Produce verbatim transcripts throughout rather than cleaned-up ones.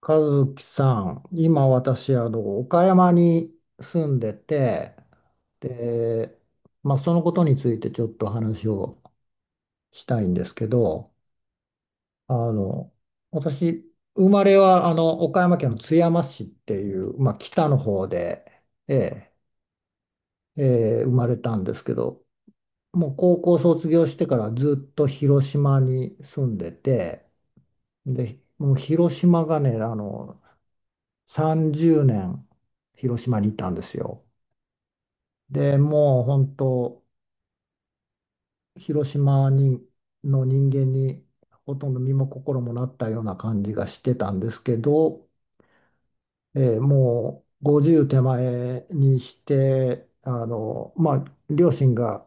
和樹さん、今私、あの、岡山に住んでて、で、まあ、そのことについてちょっと話をしたいんですけど、あの、私、生まれは、あの、岡山県の津山市っていう、まあ、北の方で、ええ、ええ生まれたんですけど、もう高校卒業してからずっと広島に住んでて、で、もう広島がね、あの、さんじゅうねん広島にいたんですよ。で、もう本当、広島にの人間にほとんど身も心もなったような感じがしてたんですけど、えーもうごじゅう手前にして、あの、まあ、両親が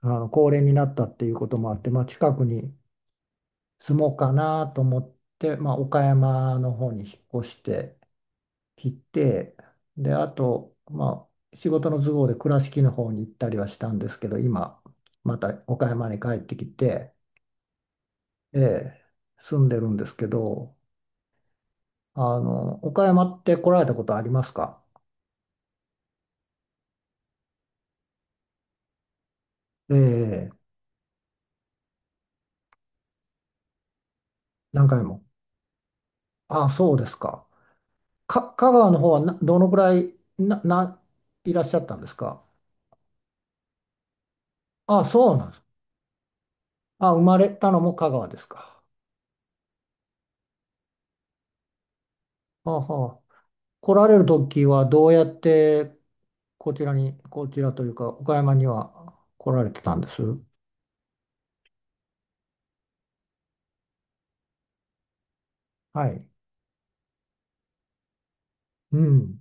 あの高齢になったっていうこともあって、まあ、近くに住もうかなと思って、まあ、岡山の方に引っ越して、切って、で、あと、まあ、仕事の都合で倉敷の方に行ったりはしたんですけど、今、また岡山に帰ってきて、ええ、住んでるんですけど、あの、岡山って来られたことありますか？ええ、何回も。ああ、そうですか。か、香川の方はなどのくらいな、な、いらっしゃったんですか？ああ、そうなんです。ああ、生まれたのも香川ですか。はあはあ。来られる時はどうやってこちらに、こちらというか、岡山には来られてたんです。はい。うん。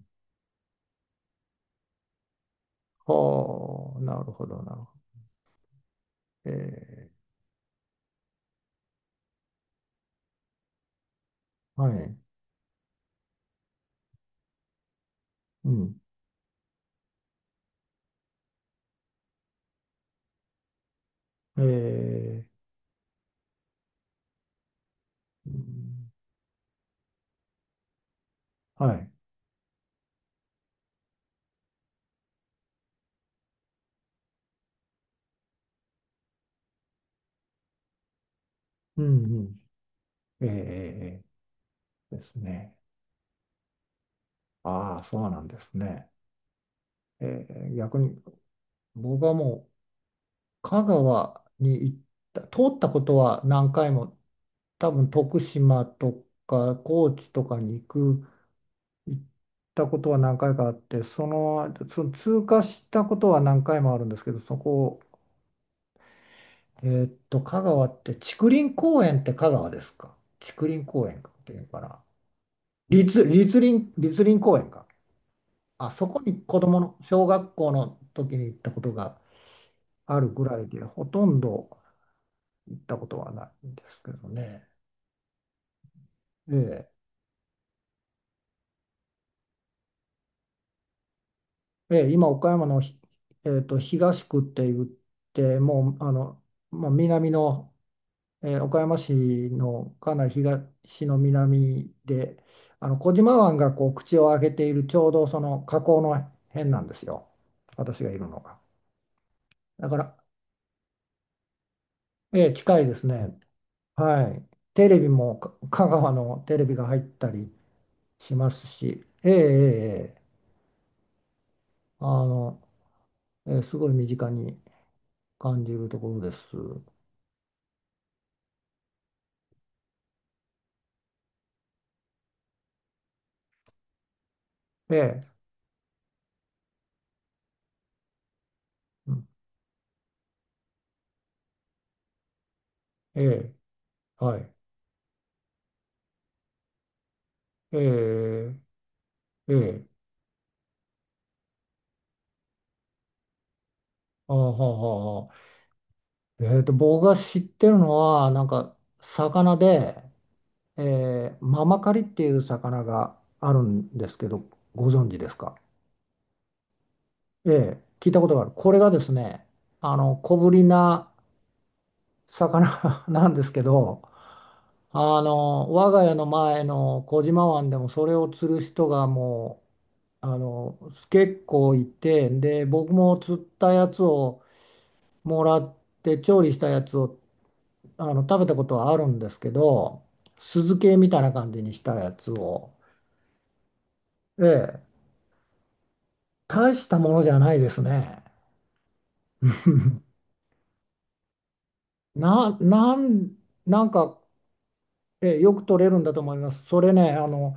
はあ、なるほど、なるほど。えー、はい。うん。えー、うん、はい。うん、うん。えーえーですね。ああ、そうなんですね。えー、逆に、僕はもう、香川に行った、通ったことは何回も、多分徳島とか高知とかに行く行ったことは何回かあって、その、その通過したことは何回もあるんですけど、そこ、えーっと、香川って、竹林公園って香川ですか？竹林公園っていうのかな。立、立林、立林公園か。あそこに子供の小学校の時に行ったことがあるぐらいで、ほとんど行ったことはないんですけどね。ええ、ええ、今、岡山のひ、えーっと、東区って言って、もう、あの、まあ、南のえー岡山市のかなり東の南で、あの小島湾がこう口を開けているちょうどその河口の辺なんですよ、私がいるのが。だから、ええ近いですね。はい。テレビもか香川のテレビが入ったりしますし、ええええええあの、ええすごい身近に感じるところです。ええ、うん、ええ、はい。ええええああ、はあ、はあ、えっと、僕が知ってるのは、なんか、魚で、えーママカリっていう魚があるんですけど、ご存知ですか？ええ、聞いたことがある。これがですね、あの、小ぶりな魚 なんですけど、あの、我が家の前の小島湾でもそれを釣る人がもう、あの、結構いて、で、僕も釣ったやつをもらって、調理したやつをあの食べたことはあるんですけど、酢漬けみたいな感じにしたやつを、ええ大したものじゃないですね な、なん、なんか、ええよく取れるんだと思いますそれね、あの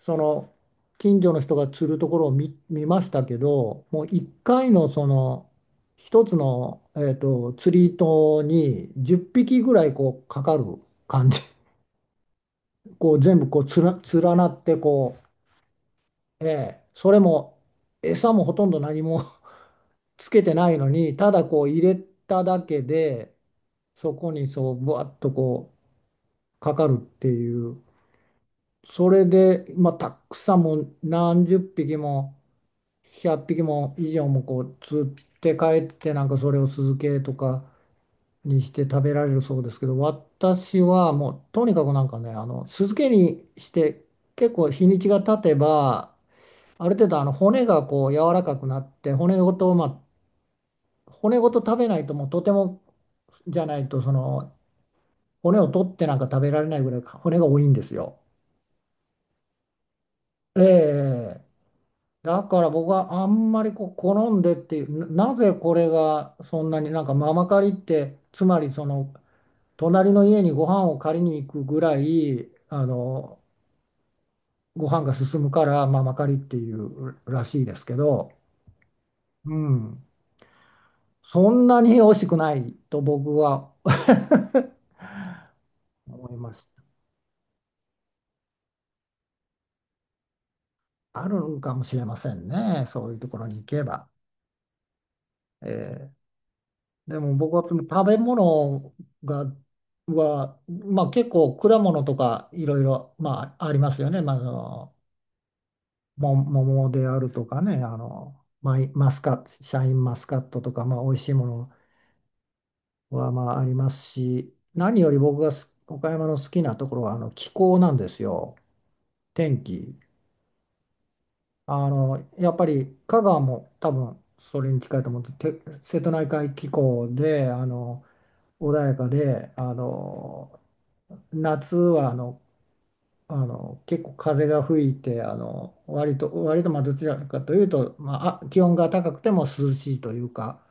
その近所の人が釣るところを見、見ましたけど、もういっかいのその一つの、えっと、釣り糸にじゅっぴきぐらいこうかかる感じ、こう全部こうつら、連なってこ、ええ、それも餌もほとんど何も つけてないのにただこう入れただけでそこにそうぶわっとこうかかるっていう。それで、まあ、たくさんもう何十匹もひゃっぴきも以上もこう釣って帰ってなんかそれを酢漬けとかにして食べられるそうですけど、私はもうとにかくなんかね、あの酢漬けにして結構日にちが経てばある程度あの骨がこう柔らかくなって骨ごと、まあ、骨ごと食べないともうとても、じゃないとその骨を取ってなんか食べられないぐらい骨が多いんですよ。ええ、だから僕はあんまりこう好んでっていう、な、なぜこれがそんなになんかママ借りってつまりその隣の家にご飯を借りに行くぐらいあのご飯が進むからママ借りっていうらしいですけど、うん、そんなに美味しくないと僕は思います。あるんかもしれませんね。そういうところに行けば。ええ、でも僕はその食べ物が、は、まあ結構果物とかいろいろ、まあありますよね。まあ、あの、も桃であるとかね、あの、マイ、マスカット、シャインマスカットとか、まあ美味しいものはまあありますし、何より僕がす岡山の好きなところはあの気候なんですよ。天気。あの、やっぱり香川も多分それに近いと思って、て瀬戸内海気候で、あの、穏やかで、あの、夏はあの、あの、結構風が吹いて、あの、割と、割とまあどちらかというと、まあ、あ気温が高くても涼しいというか、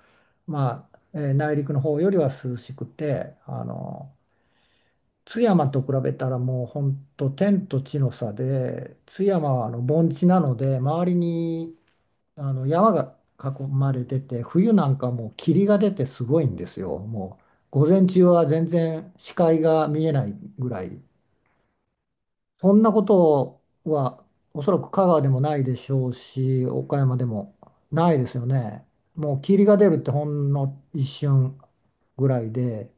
まあ、えー内陸の方よりは涼しくて、あの、津山と比べたらもう本当天と地の差で、津山はあの盆地なので、周りにあの山が囲まれてて、冬なんかもう霧が出てすごいんですよ。もう午前中は全然視界が見えないぐらい。そんなことはおそらく香川でもないでしょうし、岡山でもないですよね。もう霧が出るってほんの一瞬ぐらいで、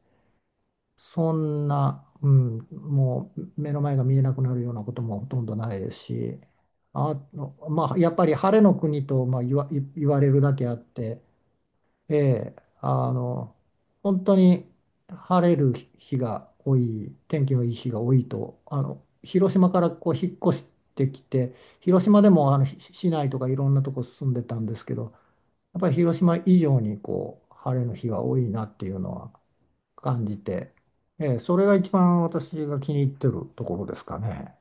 そんな、うん、もう目の前が見えなくなるようなこともほとんどないですし、あ、まあ、やっぱり晴れの国と、まあ、言わ、言われるだけあって、ええ、あの、本当に晴れる日が多い、天気のいい日が多いと、あの、広島からこう引っ越してきて、広島でもあのし市内とかいろんなとこ住んでたんですけど、やっぱり広島以上にこう晴れの日が多いなっていうのは感じて、ええ、それが一番私が気に入ってるところですかね。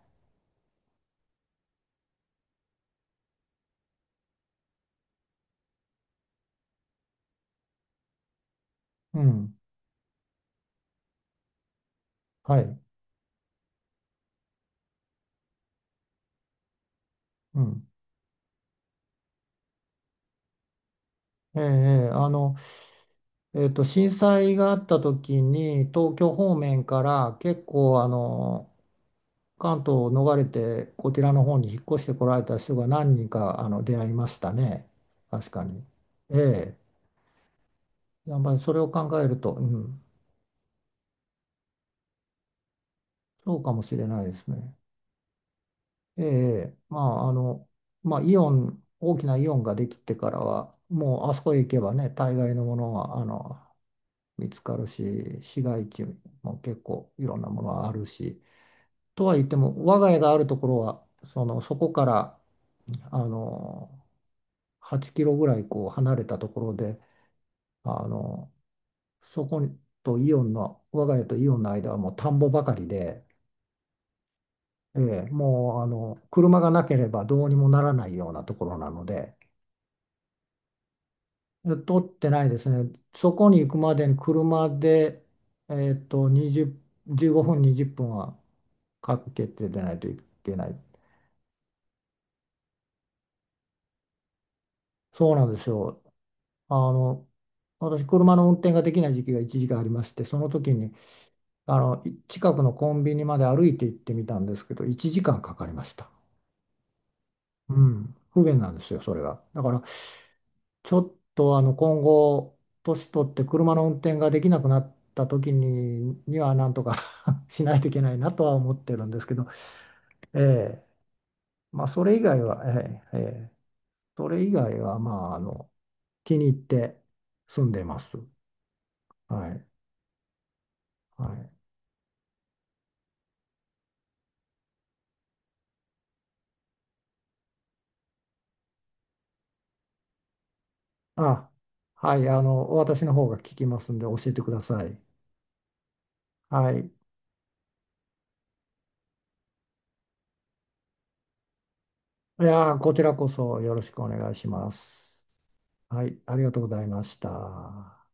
うん、はい、うん。ええ、ええ、あのえっと、震災があった時に東京方面から結構あの関東を逃れてこちらの方に引っ越してこられた人が何人かあの出会いましたね。確かに。ええ。やっぱりそれを考えると、うん、そうかもしれないですね。ええ。まあ、あの、まあ、イオン、大きなイオンができてからは、もうあそこへ行けばね、大概のものはあの見つかるし、市街地も結構いろんなものはあるし。とは言っても、我が家があるところは、その、そこから、あの、はちキロぐらいこう離れたところで、あの、そことイオンの、我が家とイオンの間はもう田んぼばかりで、ええ、もう、あの、車がなければどうにもならないようなところなので、取ってないですね。そこに行くまでに車で、えっと、にじゅう、じゅうごふん、にじゅっぷんはかけて出ないといけない。そうなんですよ。あの、私、車の運転ができない時期が一時期ありまして、その時に、あの、近くのコンビニまで歩いて行ってみたんですけど、いちじかんかんかかりました。うん、不便なんですよ、それが。だから、ちょっと、あの、今後、年取って車の運転ができなくなった時に、には、なんとか しないといけないなとは思ってるんですけど、ええ、まあ、それ以外は、ええ、ええ、それ以外は、まあ、あの、気に入って住んでます。はい。はい。あ、はい、あの、私の方が聞きますんで教えてください。はい。いやー、こちらこそよろしくお願いします。はい、ありがとうございました。